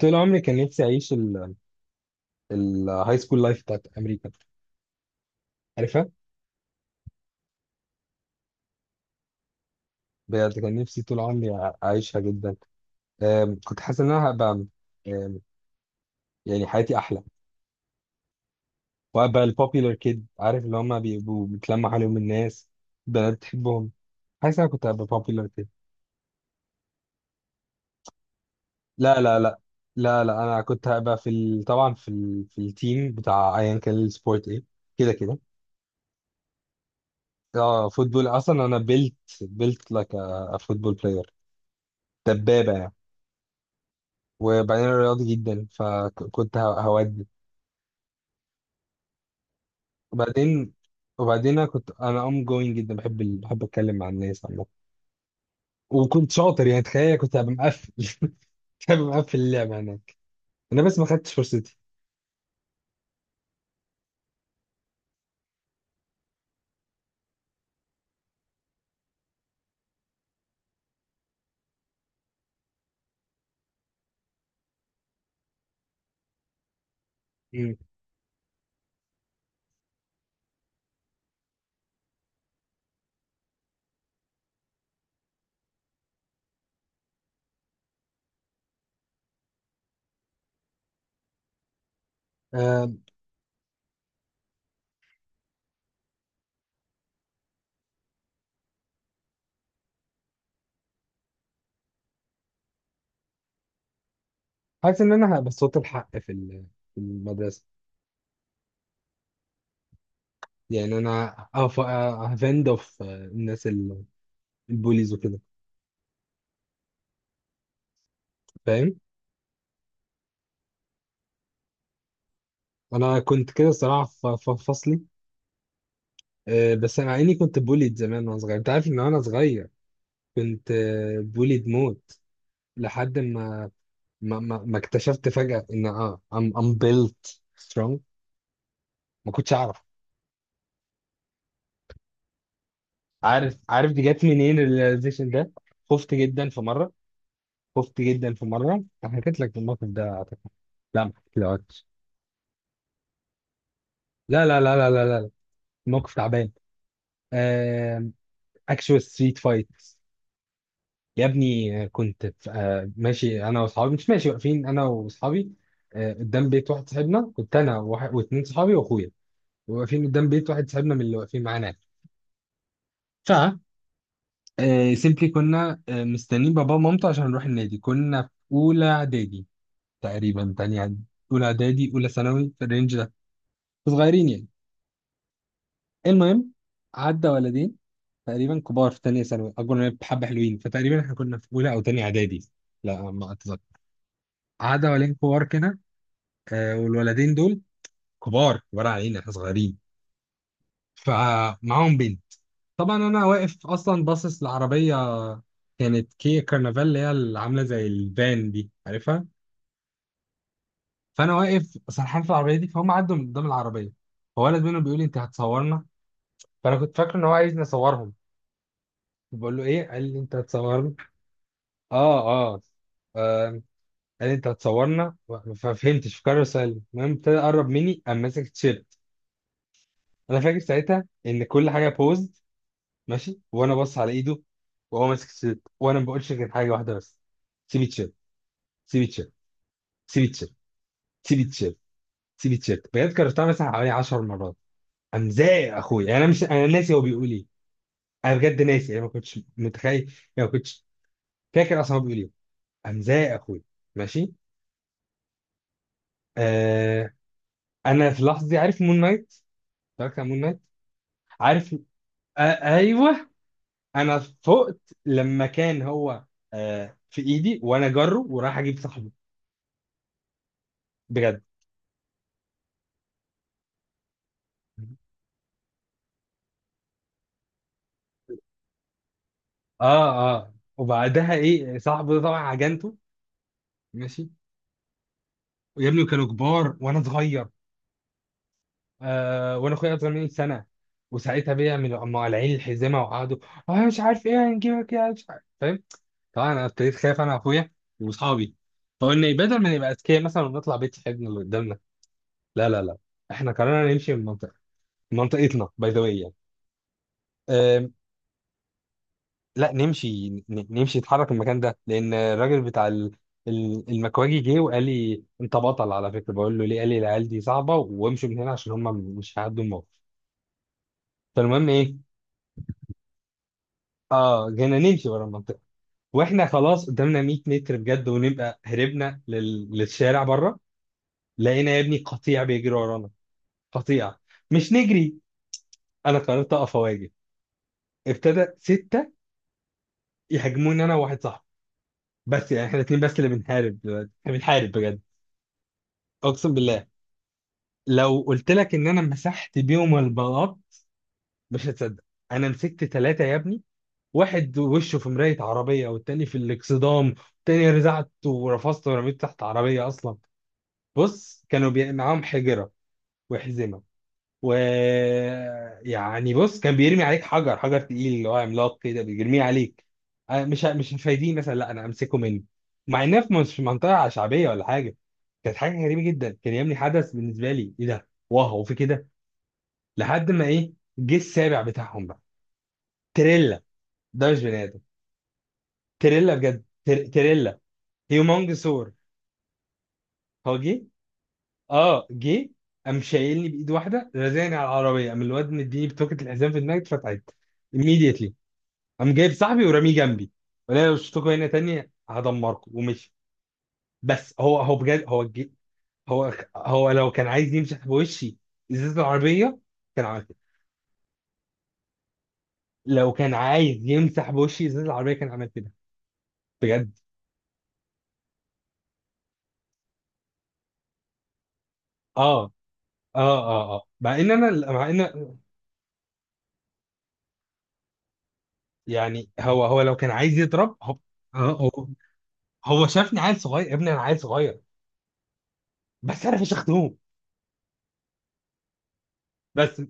طول عمري كان نفسي اعيش الهاي سكول لايف بتاعت امريكا. عارفها؟ بجد كان نفسي طول عمري اعيشها جدا. كنت حاسس ان انا هبقى، أم، يعني حياتي احلى، وهبقى البوبيلر كيد. عارف اللي هم بيبقوا بيتلمع عليهم الناس، بنات بتحبهم. حاسس إن انا كنت هبقى بوبيلر كيد. لا لا لا. لا انا كنت هبقى في طبعا في في التيم بتاع ايا كان السبورت ايه، كده كده. اه فوتبول. اصلا انا بيلت لايك ا فوتبول بلاير، دبابه يعني. وبعدين أنا رياضي جدا فكنت هودي. وبعدين وبعدين انا كنت ام جوينج جدا، بحب بحب اتكلم مع الناس عامه. وكنت شاطر يعني، تخيل كنت هبقى مقفل. كنت هبقى مقفل اللعبه هناك. انا بس ما خدتش فرصتي. مم. آم، حاسس ان انا هبقى صوت الحق في في المدرسه. يعني انا هفند اوف الناس البوليز وكده، فاهم؟ انا كنت كده الصراحه في فصلي. بس مع اني كنت بوليد زمان وانا صغير، انت عارف ان انا صغير كنت بوليد موت، لحد ما ما اكتشفت فجأة ان I'm, I'm built strong. ما كنتش اعرف. عارف دي جت منين الريلايزيشن ده؟ خفت جدا في مرة. خفت جدا في مرة، أنا حكيت لك الموقف ده اعتقد. لا ما حكيتلكش. لا لا لا لا لا لا لا. موقف تعبان، اكشوال ستريت فايت. يا ابني كنت ماشي انا واصحابي. مش ماشي، واقفين انا واصحابي قدام بيت واحد صاحبنا. كنت انا واتنين صحابي واخويا واقفين قدام بيت واحد صاحبنا من اللي واقفين معانا. ف سيمبلي كنا مستنيين بابا ومامته عشان نروح النادي. كنا في اولى اعدادي، تقريبا تانية إعدادي، اولى اعدادي اولى ثانوي في الرينج ده، صغيرين يعني. المهم، عدى ولدين تقريبا كبار في تانية ثانوي، اكبر مننا بحبة حلوين، فتقريبا احنا كنا في اولى او تانية اعدادي، لا ما اتذكر. عدى ولدين كبار كده، والولدين دول كبار كبار علينا، احنا صغيرين. فمعاهم بنت. طبعا انا واقف اصلا باصص لعربيه، كانت كيا كارنفال اللي هي اللي عامله زي الفان دي، عارفها. فانا واقف سرحان في العربيه دي، فهم عدوا من قدام العربيه، فولد منهم بيقول لي انت هتصورنا. فانا كنت فاكر ان هو عايزني اصورهم، بقول له ايه؟ قال لي انت هتصورنا. اه. اه. آه، قال لي انت هتصورنا. ففهمتش في قرر سؤال. المهم ابتدى يقرب مني قام ماسك التيشيرت. انا فاكر ساعتها ان كل حاجه بوزد، ماشي وانا بص على ايده وهو ماسك التيشيرت، وانا ما بقولش غير حاجه واحده بس، سيب التيشيرت. سيفيتشيل، سيفيتشيل، سيفيتشيل، سيفيتشيل، بجد كررتها مثلا حوالي 10 مرات. امزاق اخويا يعني. انا مش انا ناسي هو بيقول ايه، انا بجد ناسي، انا ما كنتش متخيل يعني. ما كنتش فاكر اصلا هو بيقول ايه. امزاق اخويا. ماشي. آه. انا في اللحظه دي عارف مون نايت، اتفرجت على مون نايت، عارف. آه. ايوه. انا فقت لما كان هو في ايدي وانا جره ورايح اجيب صاحبي، بجد. اه اه. وبعدها ايه؟ صاحبه ده طبعا عجنته. ماشي. ويا ابني كانوا كبار وانا صغير، وانا اخويا اصغر مني سنه. وساعتها بيعملوا هم قالعين الحزمه وقعدوا اه، مش عارف ايه، هنجيبك يا مش عارف، فاهم. طبعا انا ابتديت خايف انا واخويا واصحابي. فقلنا إيه، بدل ما نبقى اذكياء مثلا ونطلع بيت صاحبنا اللي قدامنا، لا لا لا، احنا قررنا نمشي من منطقه، من منطقتنا، باي ذا واي يعني. آم، لا نمشي نمشي نتحرك من المكان ده، لان الراجل بتاع المكواجي جه وقال لي انت بطل على فكره، بقول له ليه؟ قال لي العيال دي صعبه، وامشوا من هنا عشان هم مش هيعدوا الموقف. فالمهم ايه، اه جينا نمشي ورا المنطقه، واحنا خلاص قدامنا 100 متر بجد ونبقى هربنا للشارع بره، لقينا يا ابني قطيع بيجري ورانا. قطيع. مش نجري، انا قررت اقف اواجه. ابتدى سته يهاجموني انا وواحد صاحبي، بس يعني احنا الاثنين بس اللي بنحارب دلوقتي، احنا بنحارب بجد. اقسم بالله، لو قلت لك ان انا مسحت بيهم البلاط مش هتصدق. انا مسكت ثلاثه يا ابني، واحد وشه في مراية عربية، والتاني في الاكسدام، والتاني رزعت ورفضت ورميت تحت عربية أصلا. بص كانوا معاهم حجرة وحزمة و، يعني بص كان بيرمي عليك حجر، حجر تقيل اللي هو عملاق كده بيرميه عليك. أنا مش مش هفايديه مثلا، لا أنا أمسكه منه. مع إنها في، مش في منطقة شعبية ولا حاجة. كانت حاجة غريبة جدا. كان يا ابني حدث بالنسبة لي، إيه ده، واو في كده. لحد ما إيه، جه السابع بتاعهم بقى. تريلا. ده مش بني آدم. تريلا بجد، تريلا. هيومونج سور. هو جه. اه جه، قام شايلني بايد واحده رزاني على العربيه، قام الواد مديني بتوكة الحزام في دماغي اتفتحت immediately. قام جايب صاحبي ورميه جنبي. قال لي لو شفتكوا هنا تاني هدمركم، ومشي. بس هو، هو بجد هو جه. هو لو كان عايز يمسح بوشي ازازه العربيه كان عمل كده. لو كان عايز يمسح بوشي ازازه العربيه كان عمل كده، بجد. اه اه اه. اه مع ان انا، مع ان، يعني هو لو كان عايز يضرب هو. اه هو، هو شافني عيل صغير يا ابني، انا عيل صغير، بس انا فشختهم. بس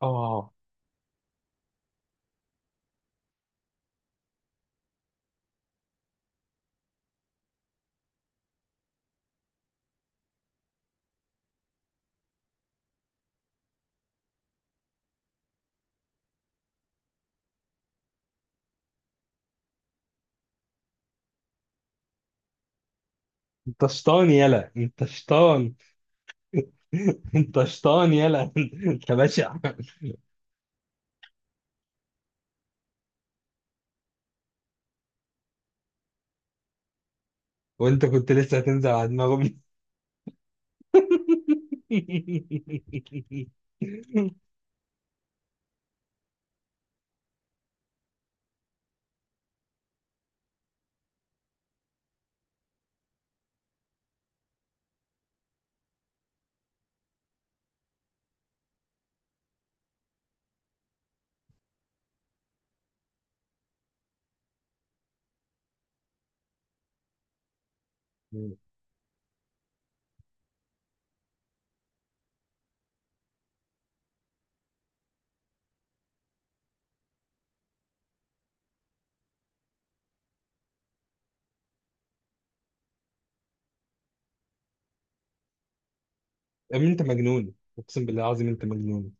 اه. انت شطان يلا، انت شطان. انت شطان يلا. انت بشع. وانت كنت لسه هتنزل على دماغهم. يا ابني انت مجنون، اقسم بالله العظيم انت مجنون.